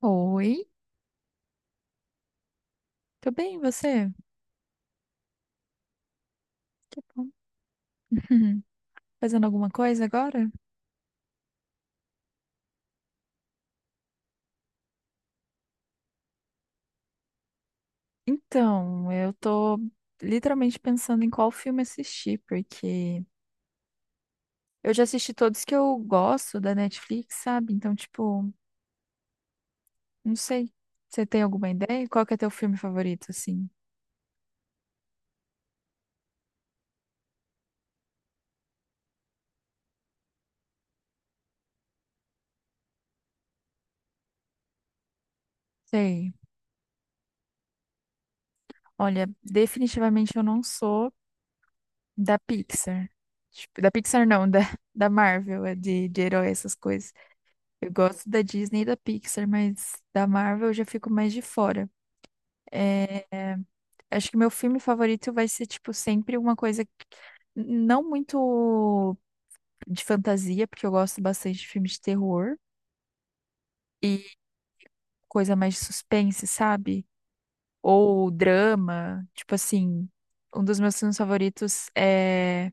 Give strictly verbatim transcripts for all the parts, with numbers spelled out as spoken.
Oi, tudo bem, e você? Que bom. Fazendo alguma coisa agora? Então, eu tô literalmente pensando em qual filme assistir, porque eu já assisti todos que eu gosto da Netflix, sabe? Então, tipo, não sei. Você tem alguma ideia? Qual que é teu filme favorito, assim? Sei. Olha, definitivamente eu não sou da Pixar. Tipo, da Pixar não, da, da Marvel, é de, de herói, essas coisas. Eu gosto da Disney e da Pixar, mas da Marvel eu já fico mais de fora. É, acho que meu filme favorito vai ser, tipo, sempre uma coisa que- não muito de fantasia, porque eu gosto bastante de filme de terror e coisa mais de suspense, sabe? Ou drama, tipo assim, um dos meus filmes favoritos é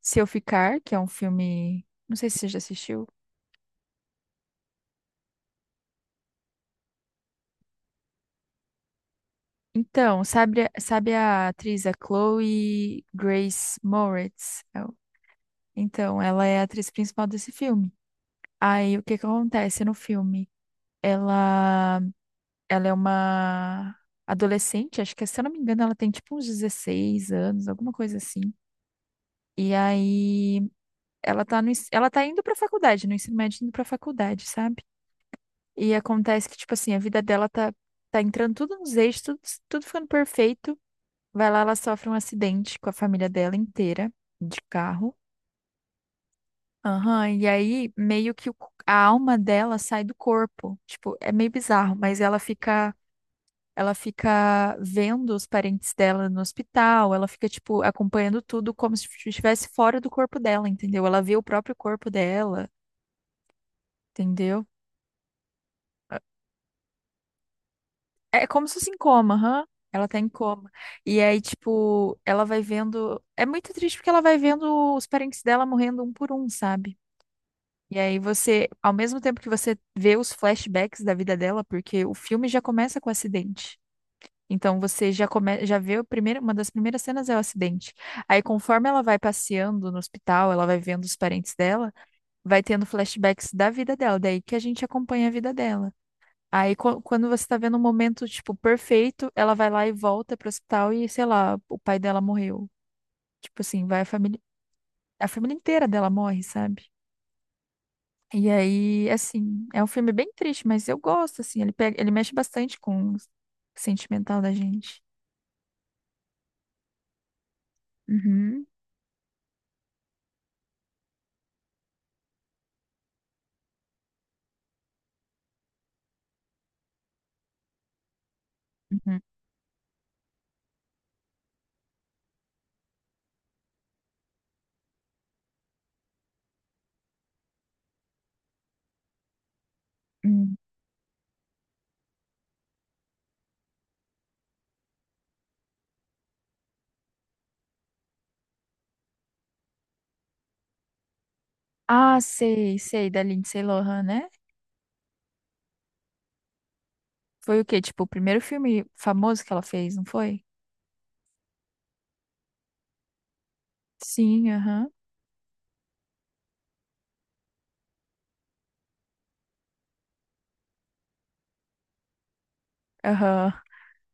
Se Eu Ficar, que é um filme, não sei se você já assistiu. Então, sabe, sabe a atriz, a Chloe Grace Moretz? Então, ela é a atriz principal desse filme. Aí, o que que acontece no filme? Ela, ela é uma adolescente, acho que, se eu não me engano, ela tem tipo uns dezesseis anos, alguma coisa assim. E aí, ela tá no, ens- ela tá indo pra faculdade, no ensino médio, indo pra faculdade, sabe? E acontece que, tipo assim, a vida dela tá, tá entrando tudo nos eixos, tudo, tudo ficando perfeito. Vai lá, ela sofre um acidente com a família dela inteira, de carro. Aham, e aí meio que o c- a alma dela sai do corpo. Tipo, é meio bizarro, mas ela fica, ela fica vendo os parentes dela no hospital, ela fica, tipo, acompanhando tudo como se estivesse fora do corpo dela, entendeu? Ela vê o próprio corpo dela, entendeu? Ah, É é como se fosse em coma, aham. Ela tá em coma. E aí, tipo, ela vai vendo. É muito triste porque ela vai vendo os parentes dela morrendo um por um, sabe? E aí você, ao mesmo tempo que você vê os flashbacks da vida dela, porque o filme já começa com o acidente. Então você já come, já vê o primeiro, uma das primeiras cenas é o acidente. Aí conforme ela vai passeando no hospital, ela vai vendo os parentes dela, vai tendo flashbacks da vida dela, daí que a gente acompanha a vida dela. Aí qu- quando você tá vendo um momento tipo perfeito, ela vai lá e volta pro hospital e sei lá, o pai dela morreu. Tipo assim, vai a família, a família inteira dela morre, sabe? E aí, assim, é um filme bem triste, mas eu gosto, assim, ele pega, ele mexe bastante com o sentimental da gente. Uhum. Uhum, uhum. Ah, sei, sei, da Lindsay Lohan, né? Foi o quê? Tipo, o primeiro filme famoso que ela fez, não foi? Sim, aham. Aham.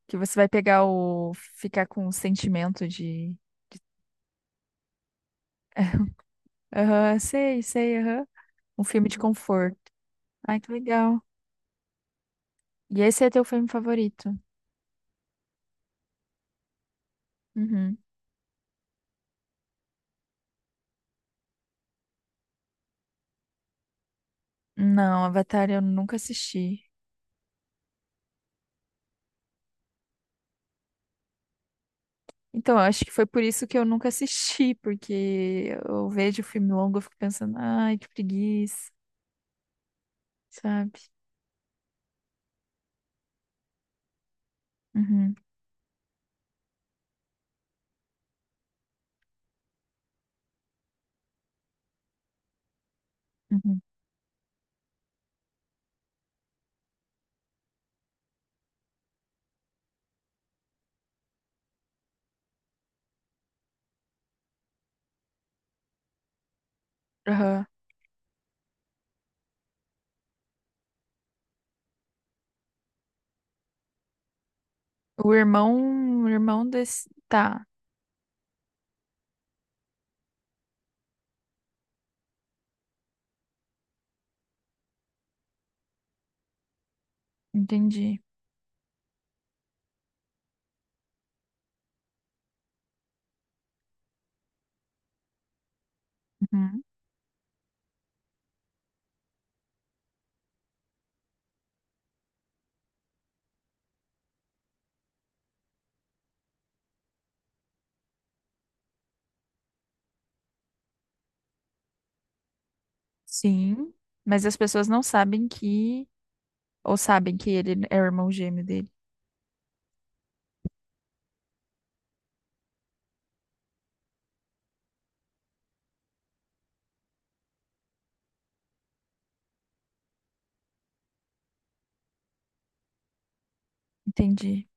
Que você vai pegar o. Ficar com o sentimento de. Aham, sei, sei, aham. Um filme de conforto. Ai, que legal. E esse é teu filme favorito? Uhum. Não, Avatar eu nunca assisti. Então, eu acho que foi por isso que eu nunca assisti, porque eu vejo filme longo, eu fico pensando, ai, que preguiça, sabe? Uhum, uhum, aham. O irmão, o irmão desse. Tá, entendi. Uhum, Sim, mas as pessoas não sabem que. Ou sabem que ele é o irmão gêmeo dele. Entendi,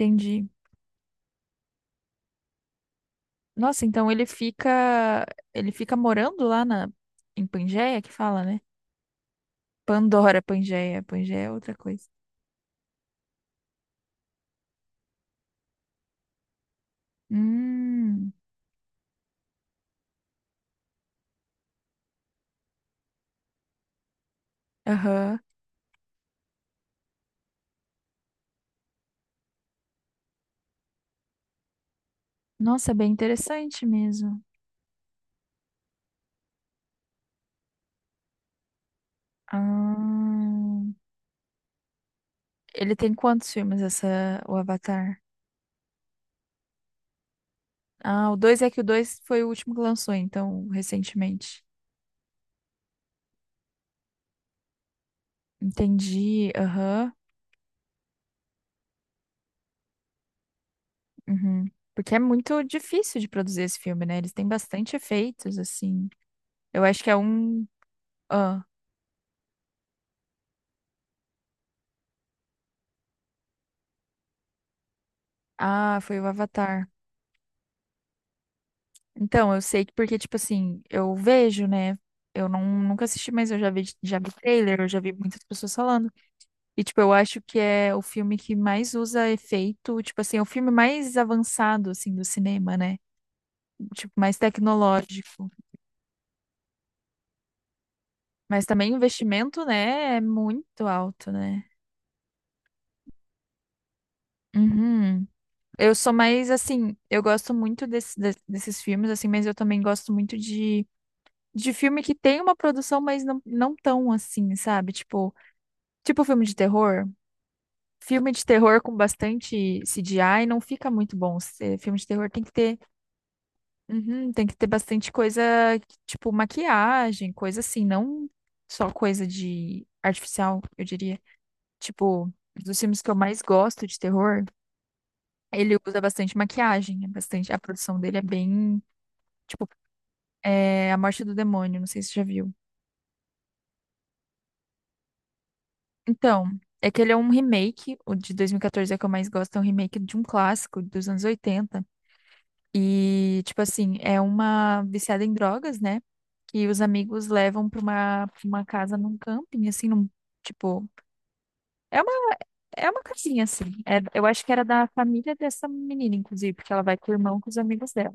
entendi. Nossa, então ele fica, ele fica morando lá na em Pangeia, que fala, né? Pandora, Pangeia, Pangeia é outra coisa. Hum, aham. Nossa, é bem interessante mesmo. Ah, ele tem quantos filmes essa o Avatar? Ah, o dois é que o dois foi o último que lançou, então, recentemente. Entendi, aham. Uhum. Porque é muito difícil de produzir esse filme, né? Eles têm bastante efeitos, assim. Eu acho que é um Ah, ah, foi o Avatar. Então, eu sei que porque, tipo assim, eu vejo, né? Eu não, nunca assisti, mas eu já vi, já vi trailer, eu já vi muitas pessoas falando. E, tipo, eu acho que é o filme que mais usa efeito, tipo assim, é o filme mais avançado, assim, do cinema, né? Tipo, mais tecnológico. Mas também o investimento, né, é muito alto, né? Uhum. Eu sou mais, assim, eu gosto muito desse, de- desses filmes, assim, mas eu também gosto muito de de filme que tem uma produção, mas não, não tão assim, sabe? Tipo, tipo filme de terror. Filme de terror com bastante C G I não fica muito bom. Se- Filme de terror tem que ter, uhum, tem que ter bastante coisa, tipo maquiagem, coisa assim, não só coisa de artificial, eu diria. Tipo, dos filmes que eu mais gosto de terror, ele usa bastante maquiagem, é bastante, a produção dele é bem, tipo, é, A Morte do Demônio, não sei se você já viu. Então, é que ele é um remake, o de dois mil e quatorze é que eu mais gosto, é um remake de um clássico dos anos oitenta. E, tipo assim, é uma viciada em drogas, né? Que os amigos levam pra uma, pra uma casa num camping, assim, num, tipo, é uma, é uma casinha, assim. É- eu acho que era da família dessa menina, inclusive, porque ela vai com o irmão, com os amigos dela.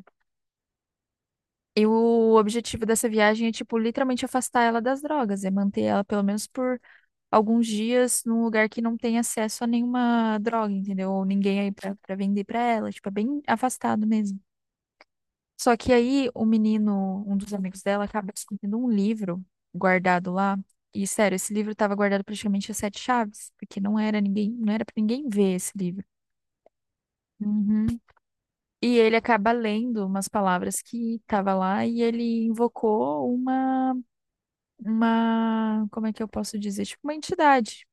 E o objetivo dessa viagem é, tipo, literalmente afastar ela das drogas, é manter ela pelo menos por alguns dias num lugar que não tem acesso a nenhuma droga, entendeu? Ou ninguém aí pra, pra vender pra ela, tipo, é bem afastado mesmo. Só que aí o menino, um dos amigos dela, acaba escondendo um livro guardado lá. E sério, esse livro estava guardado praticamente a sete chaves, porque não era ninguém, não era para ninguém ver esse livro. Uhum. E ele acaba lendo umas palavras que estava lá e ele invocou uma, uma, como é que eu posso dizer? Tipo, uma entidade.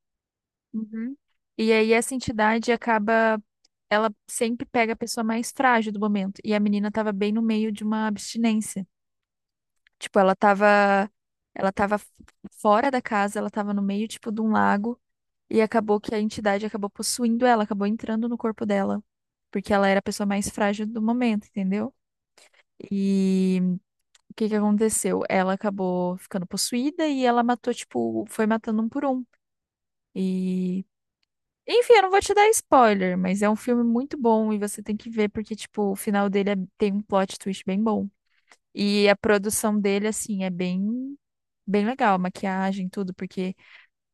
Uhum. E aí essa entidade acaba, ela sempre pega a pessoa mais frágil do momento. E a menina tava bem no meio de uma abstinência. Tipo, ela tava, ela tava f- fora da casa, ela tava no meio, tipo, de um lago. E acabou que a entidade acabou possuindo ela, acabou entrando no corpo dela. Porque ela era a pessoa mais frágil do momento, entendeu? E o que que aconteceu? Ela acabou ficando possuída e ela matou, tipo, foi matando um por um. e Enfim, eu não vou te dar spoiler, mas é um filme muito bom e você tem que ver porque, tipo, o final dele é- tem um plot twist bem bom. E a produção dele, assim, é bem, bem legal, a maquiagem, tudo, porque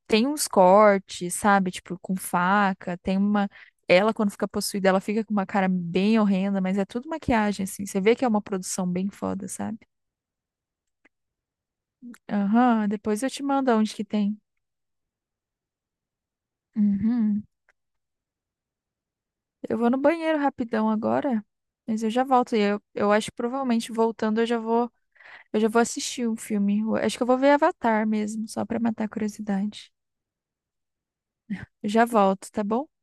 tem uns cortes, sabe? Tipo, com faca, tem uma. Ela, quando fica possuída, ela fica com uma cara bem horrenda, mas é tudo maquiagem, assim. Você vê que é uma produção bem foda, sabe? Aham, depois eu te mando onde que tem. Uhum. Eu vou no banheiro rapidão agora. Mas eu já volto. E eu, eu acho que provavelmente voltando eu já vou Eu já vou assistir um filme. Eu Acho que eu vou ver Avatar mesmo, só pra matar a curiosidade. Eu já volto, tá bom?